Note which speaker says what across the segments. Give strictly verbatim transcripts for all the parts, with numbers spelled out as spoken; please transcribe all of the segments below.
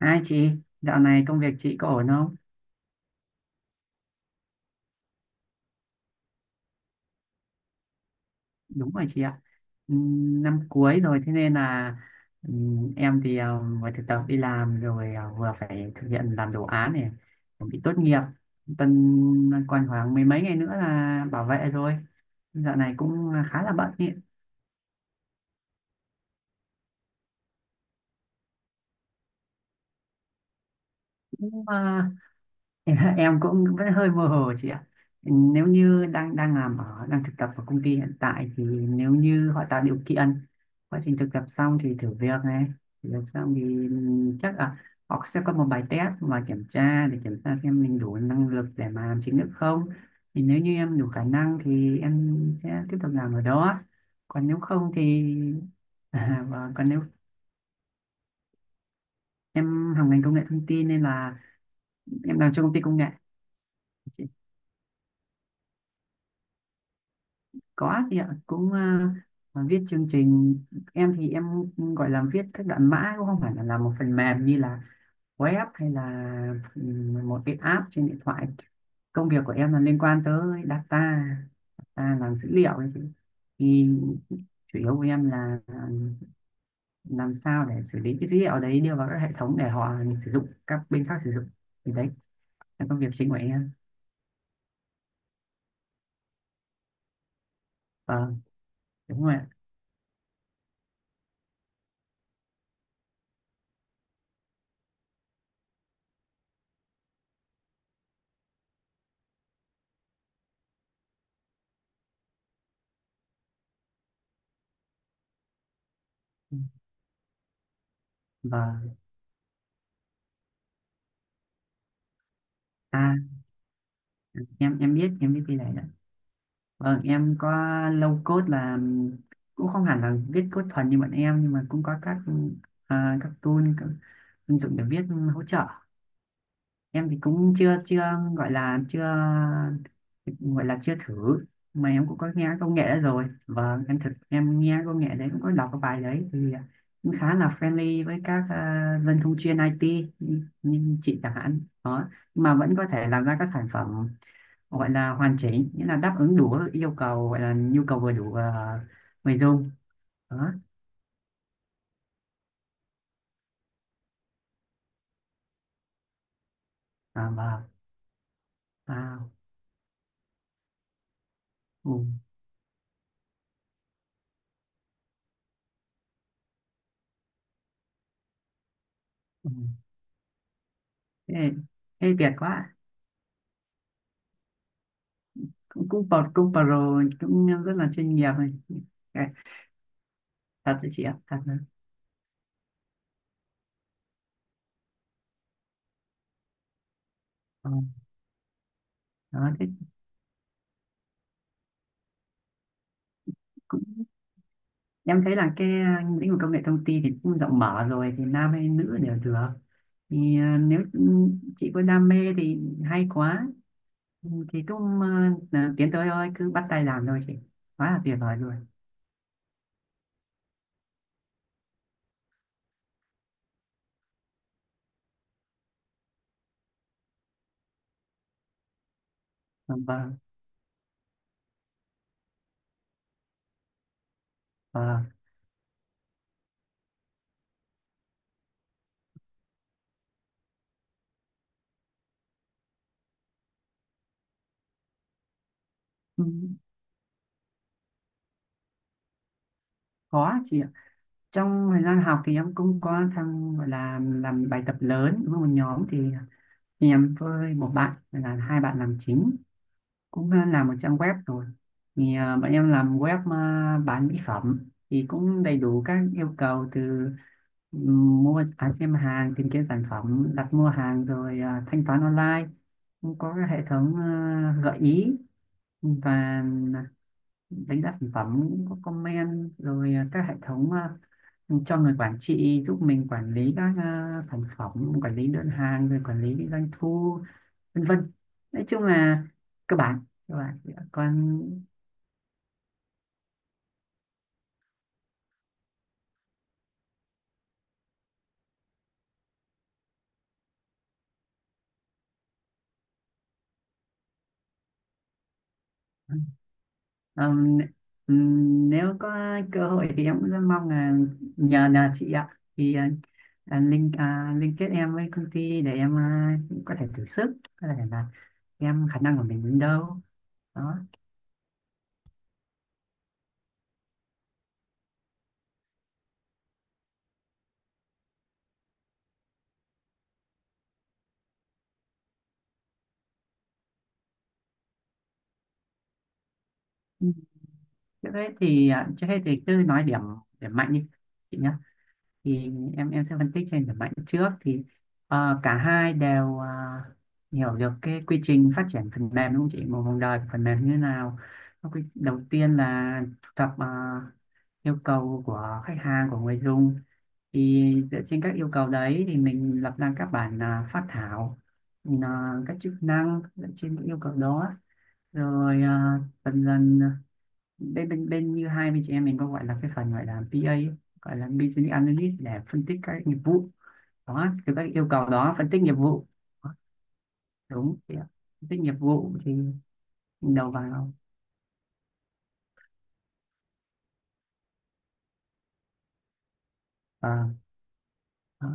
Speaker 1: Hai chị, dạo này công việc chị có ổn không? Đúng rồi chị ạ. Ừm, Năm cuối rồi thế nên là ừm, em thì ờ, vừa thực tập đi làm rồi ờ, vừa phải thực hiện làm đồ án này, chuẩn bị tốt nghiệp. Tuần còn khoảng mười mấy ngày nữa là bảo vệ rồi. Dạo này cũng ờ, khá là bận ý. Cũng ờ, em em cũng vẫn hơi mơ hồ chị ạ, nếu như đang đang làm ở đang thực tập ở công ty hiện tại thì nếu như họ tạo điều kiện, quá trình thực tập xong thì thử việc này, thử việc xong thì chắc là họ sẽ có một bài test mà kiểm tra để kiểm tra xem mình đủ năng lực để mà làm chính thức không, thì nếu như em đủ khả năng thì em sẽ tiếp tục làm ở đó, còn nếu không thì à, và còn nếu em học ngành công nghệ thông tin nên là em làm cho công ty công nghệ. Có chị ạ, cũng ờ, viết chương trình, em thì em gọi là viết các đoạn mã, cũng không phải là làm một phần mềm như là web hay là ừm, một cái app trên điện thoại. Công việc của em là liên quan tới data, data, làm dữ liệu ấy chị. Thì chủ yếu của em là ừm, làm sao để xử lý cái dữ liệu đấy đưa vào các hệ thống để họ sử dụng, các bên khác sử dụng. Thì đấy là công việc chính của em. Vâng, đúng rồi ạ. Vâng, à, em em biết, em biết cái này ạ. Vâng, em có low code là cũng không hẳn là viết code thuần như bọn em nhưng mà cũng có các à, các tool, các ứng dụng để viết hỗ trợ. Em thì cũng chưa chưa gọi là chưa, gọi là chưa thử, mà em cũng có nghe công nghệ đó rồi. Vâng, em thực em nghe công nghệ đấy, cũng có đọc cái bài đấy thì cũng khá là friendly với các à, dân thông chuyên i tê như, như chị chẳng hạn. Đó, mà vẫn có thể làm ra các sản phẩm gọi là hoàn chỉnh, nghĩa là đáp ứng đủ yêu cầu, gọi là nhu cầu vừa đủ ờ, người dùng, đó. à, mà à, ừ, ừ. Thế, thế Việt quá, cũng cũng pro, cũng pro, cũng rất là chuyên nghiệp này. Cái- thật đấy chị ạ, thật đấy. Ờ, đó, thế cũng, em thấy là cái ờ, lĩnh vực công nghệ thông tin thì cũng rộng mở rồi, thì nam hay nữ đều được, thì ờ, nếu chị có đam mê thì hay quá, thì cũng ờ, tiến tới thôi, cứ bắt tay làm thôi chị, quá là tuyệt vời rồi. Vâng vâng. À, ừ, có chị ạ. Trong thời gian học thì em cũng có tham, gọi là làm bài tập lớn với một nhóm thì, thì em với một bạn là hai bạn làm chính, cũng ờ, làm một trang web rồi. Thì ờ, bọn em làm web ờ, bán mỹ phẩm, thì cũng đầy đủ các yêu cầu từ ừ, mua à, xem hàng, tìm kiếm sản phẩm, đặt mua hàng rồi ờ, thanh toán online. Cũng có cái hệ thống ờ, gợi ý và đánh giá sản phẩm, cũng có comment rồi à, các hệ thống à, cho người quản trị giúp mình quản lý các à, sản phẩm, quản lý đơn hàng rồi quản lý doanh thu, vân vân, nói chung là cơ bản, cơ bản. Còn ừm, ừm, nếu có cơ hội thì em cũng rất mong là nhờ nhờ chị ạ, thì à, à, link à, liên kết em với công ty để em à, có thể thử sức, có thể là em khả năng của mình đến đâu, đó. Thế hết thì à, trước hết thì cứ nói điểm, điểm mạnh đi chị nhé. Thì em em sẽ phân tích trên điểm mạnh trước thì ờ, cả hai đều à, hiểu được cái quy trình phát triển phần mềm đúng không chị? Một vòng đời của phần mềm như thế nào? Nó quy- Đầu tiên là thu thập à, yêu cầu của khách hàng, của người dùng, thì dựa trên các yêu cầu đấy thì mình lập ra các bản à, phát thảo mình, à, các chức năng dựa trên những yêu cầu đó, rồi à, dần dần à, bên bên bên như hai bên chị em mình có gọi là cái phần gọi là pê a ấy, gọi là Business Analyst để phân tích các nghiệp vụ đó, từ các yêu cầu đó phân tích nghiệp vụ. Đó, đúng chị ạ. Phân tích nghiệp vụ thì đầu vào. Ờ, đó,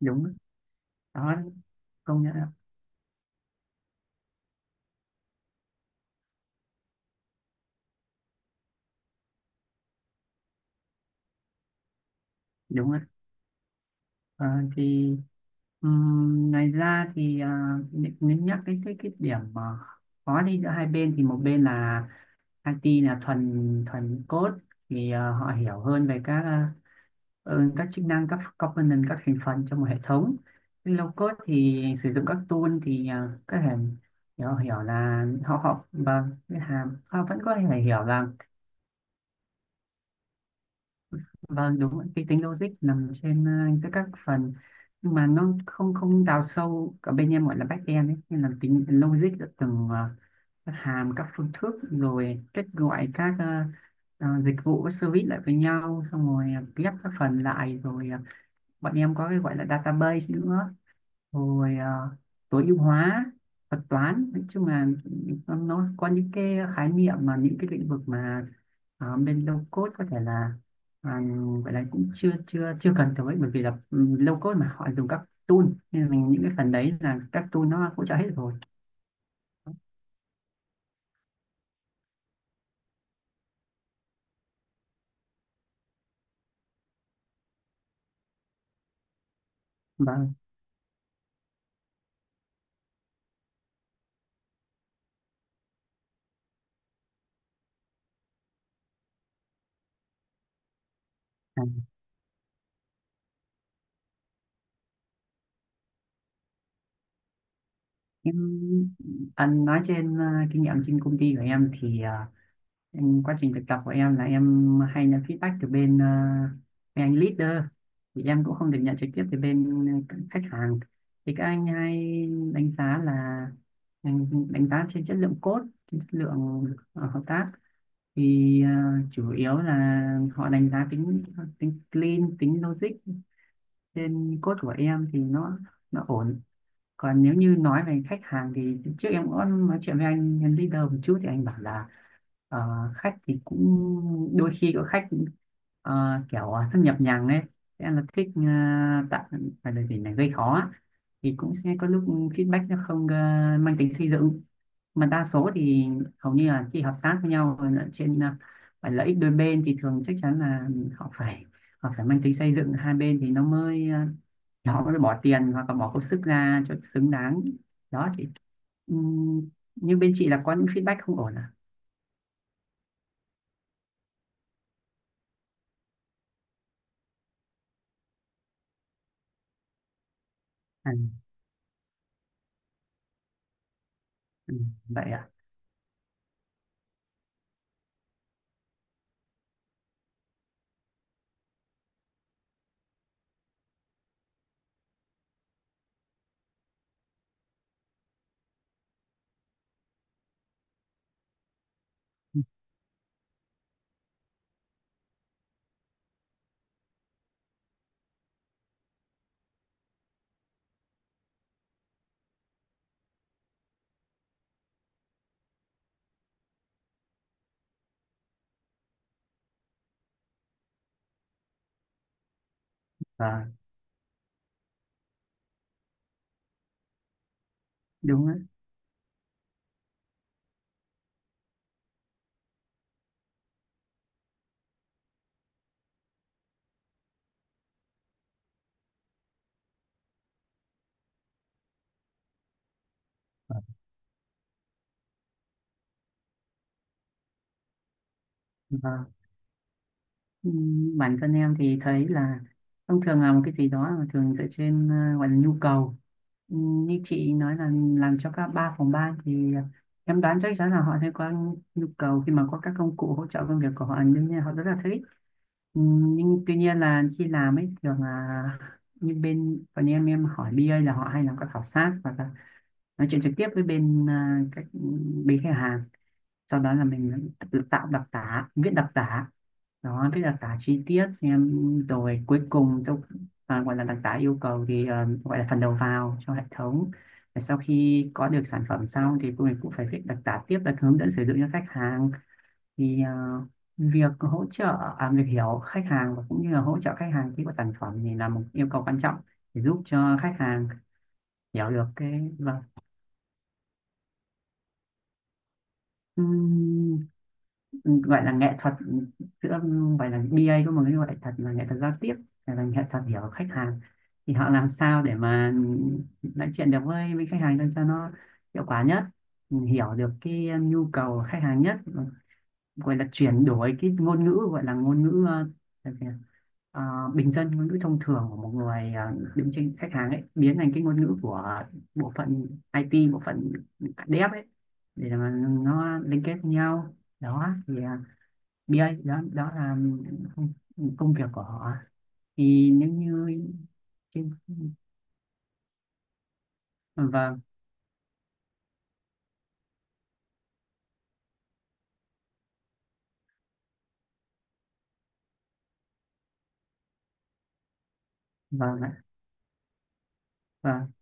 Speaker 1: đúng đó, công nhận ạ. Đúng ạ. Ờ, thì ừm, ngoài ra thì à, nếu nhắc cái cái cái điểm mà khó đi giữa hai bên, thì một bên là i tê là thuần thuần code, thì à, họ hiểu hơn về các à, ừ, các chức năng, các component, các thành phần trong một hệ thống, nhưng low code thì sử dụng các tool thì à, có thể hiểu hiểu là họ học và cái hàm họ vẫn có thể hiểu là. Vâng, đúng rồi. Cái tính logic nằm trên ờ, các các phần, nhưng mà nó không không đào sâu ở bên em gọi là back end ấy, nên là tính logic ở từng ờ, các hàm, các phương thức, rồi kết gọi các ờ, ờ, dịch vụ, các service lại với nhau, xong rồi ờ, ghép các phần lại rồi ờ, bọn em có cái gọi là database nữa, rồi à, tối ưu hóa thuật toán, nói chung là nó, nó có những cái khái niệm mà những cái lĩnh vực mà à, bên low code có thể là à, gọi là cũng chưa chưa chưa cần tới, bởi vì là ừ, low code mà họ dùng các tool, nên là mình những cái phần đấy là các tool nó hỗ trợ hết rồi. Vâng, à, em anh nói trên à, kinh nghiệm trên công ty của em thì à, em quá trình thực tập của em là em hay nhận feedback từ bên ờ, mấy anh leader, thì em cũng không được nhận trực tiếp từ bên các khách hàng, thì các anh hay đánh giá là đánh, đánh giá trên chất lượng code, trên chất lượng ờ, hợp tác, thì ờ, chủ yếu là họ đánh giá tính, tính clean, tính logic trên code của em thì nó nó ổn. Còn nếu như nói về khách hàng, thì trước em có nói chuyện với anh nhân leader một chút thì anh bảo là ờ, khách thì cũng đôi khi có khách ờ, kiểu thân nhập nhằng ấy, sẽ là thích ờ, tạo, phải là gì này, gây khó á. Thì cũng sẽ có lúc feedback nó không ờ, mang tính xây dựng, mà đa số thì hầu như là khi hợp tác với nhau rồi là trên ờ, phải lợi ích đôi bên, thì thường chắc chắn là họ phải, họ phải mang tính xây dựng hai bên, thì nó mới ờ, họ mới bỏ tiền hoặc là bỏ công sức ra cho xứng đáng, đó chị. Ừm, nhưng bên chị là có những feedback không ổn à. À, ừ, vậy à. Vâng, đúng á. Vâng. Vâng. Ừ, bản thân em thì thấy là thông thường là một cái gì đó mà thường dựa trên ờ, gọi là nhu cầu. Ừ, như chị nói là làm cho các ba phòng ban, thì em đoán chắc chắn là họ sẽ có nhu cầu, khi mà có các công cụ hỗ trợ công việc của họ đương nhiên họ rất là thích. Ừ, nhưng tuy nhiên là khi làm ấy thường là như bên còn em em hỏi bê a là họ hay làm các khảo sát và nói chuyện trực tiếp với bên à, các bên khách hàng, sau đó là mình tự tạo đặc tả, viết đặc tả, đó, viết đặc tả chi tiết xem, rồi cuối cùng cho à, gọi là đặc tả yêu cầu thì ờ, gọi là phần đầu vào cho hệ thống, và sau khi có được sản phẩm xong thì mình cũng phải viết đặc tả tiếp là hướng dẫn sử dụng cho khách hàng, thì ờ, việc hỗ trợ à, việc hiểu khách hàng và cũng như là hỗ trợ khách hàng khi có sản phẩm thì là một yêu cầu quan trọng để giúp cho khách hàng hiểu được cái. Vâng. Ừm, gọi là nghệ thuật ừ, giữa gọi là bê a có một cái gọi thật là nghệ thuật giao tiếp, hay là nghệ thuật hiểu khách hàng, thì họ làm sao để mà ừ, nói chuyện được với với khách hàng để cho nó hiệu quả nhất, ừ, hiểu được cái ừ, nhu cầu khách hàng nhất, ừ, gọi là chuyển đổi cái ngôn ngữ, gọi là ngôn ngữ ờ, ờ, bình dân, ngôn ngữ thông thường của một người ờ, đứng trên khách hàng ấy biến thành cái ngôn ngữ của bộ phận i tê, bộ phận dev ấy, để mà nó liên kết với nhau, đó thì ờ, Bia ấy, đó đó là công, công việc của họ, thì nếu như trên. Vâng vâng ạ, vâng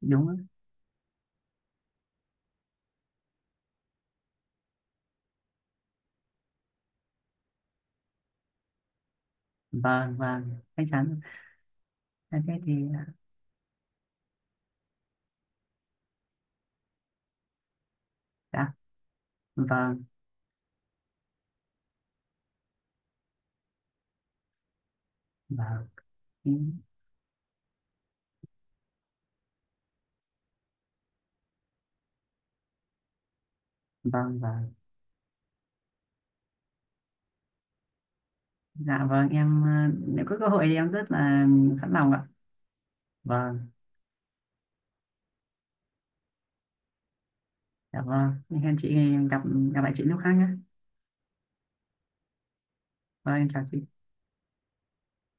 Speaker 1: đúng ạ. Vâng vâng chắc chắn là thế thì. Dạ vâng, vâng, ừ, vâng vâng. Dạ vâng em ờ, nếu có cơ hội thì em rất là sẵn lòng ạ. Vâng. Dạ vâng, hẹn chị gặp, gặp lại chị lúc khác nhé. Vâng em chào chị.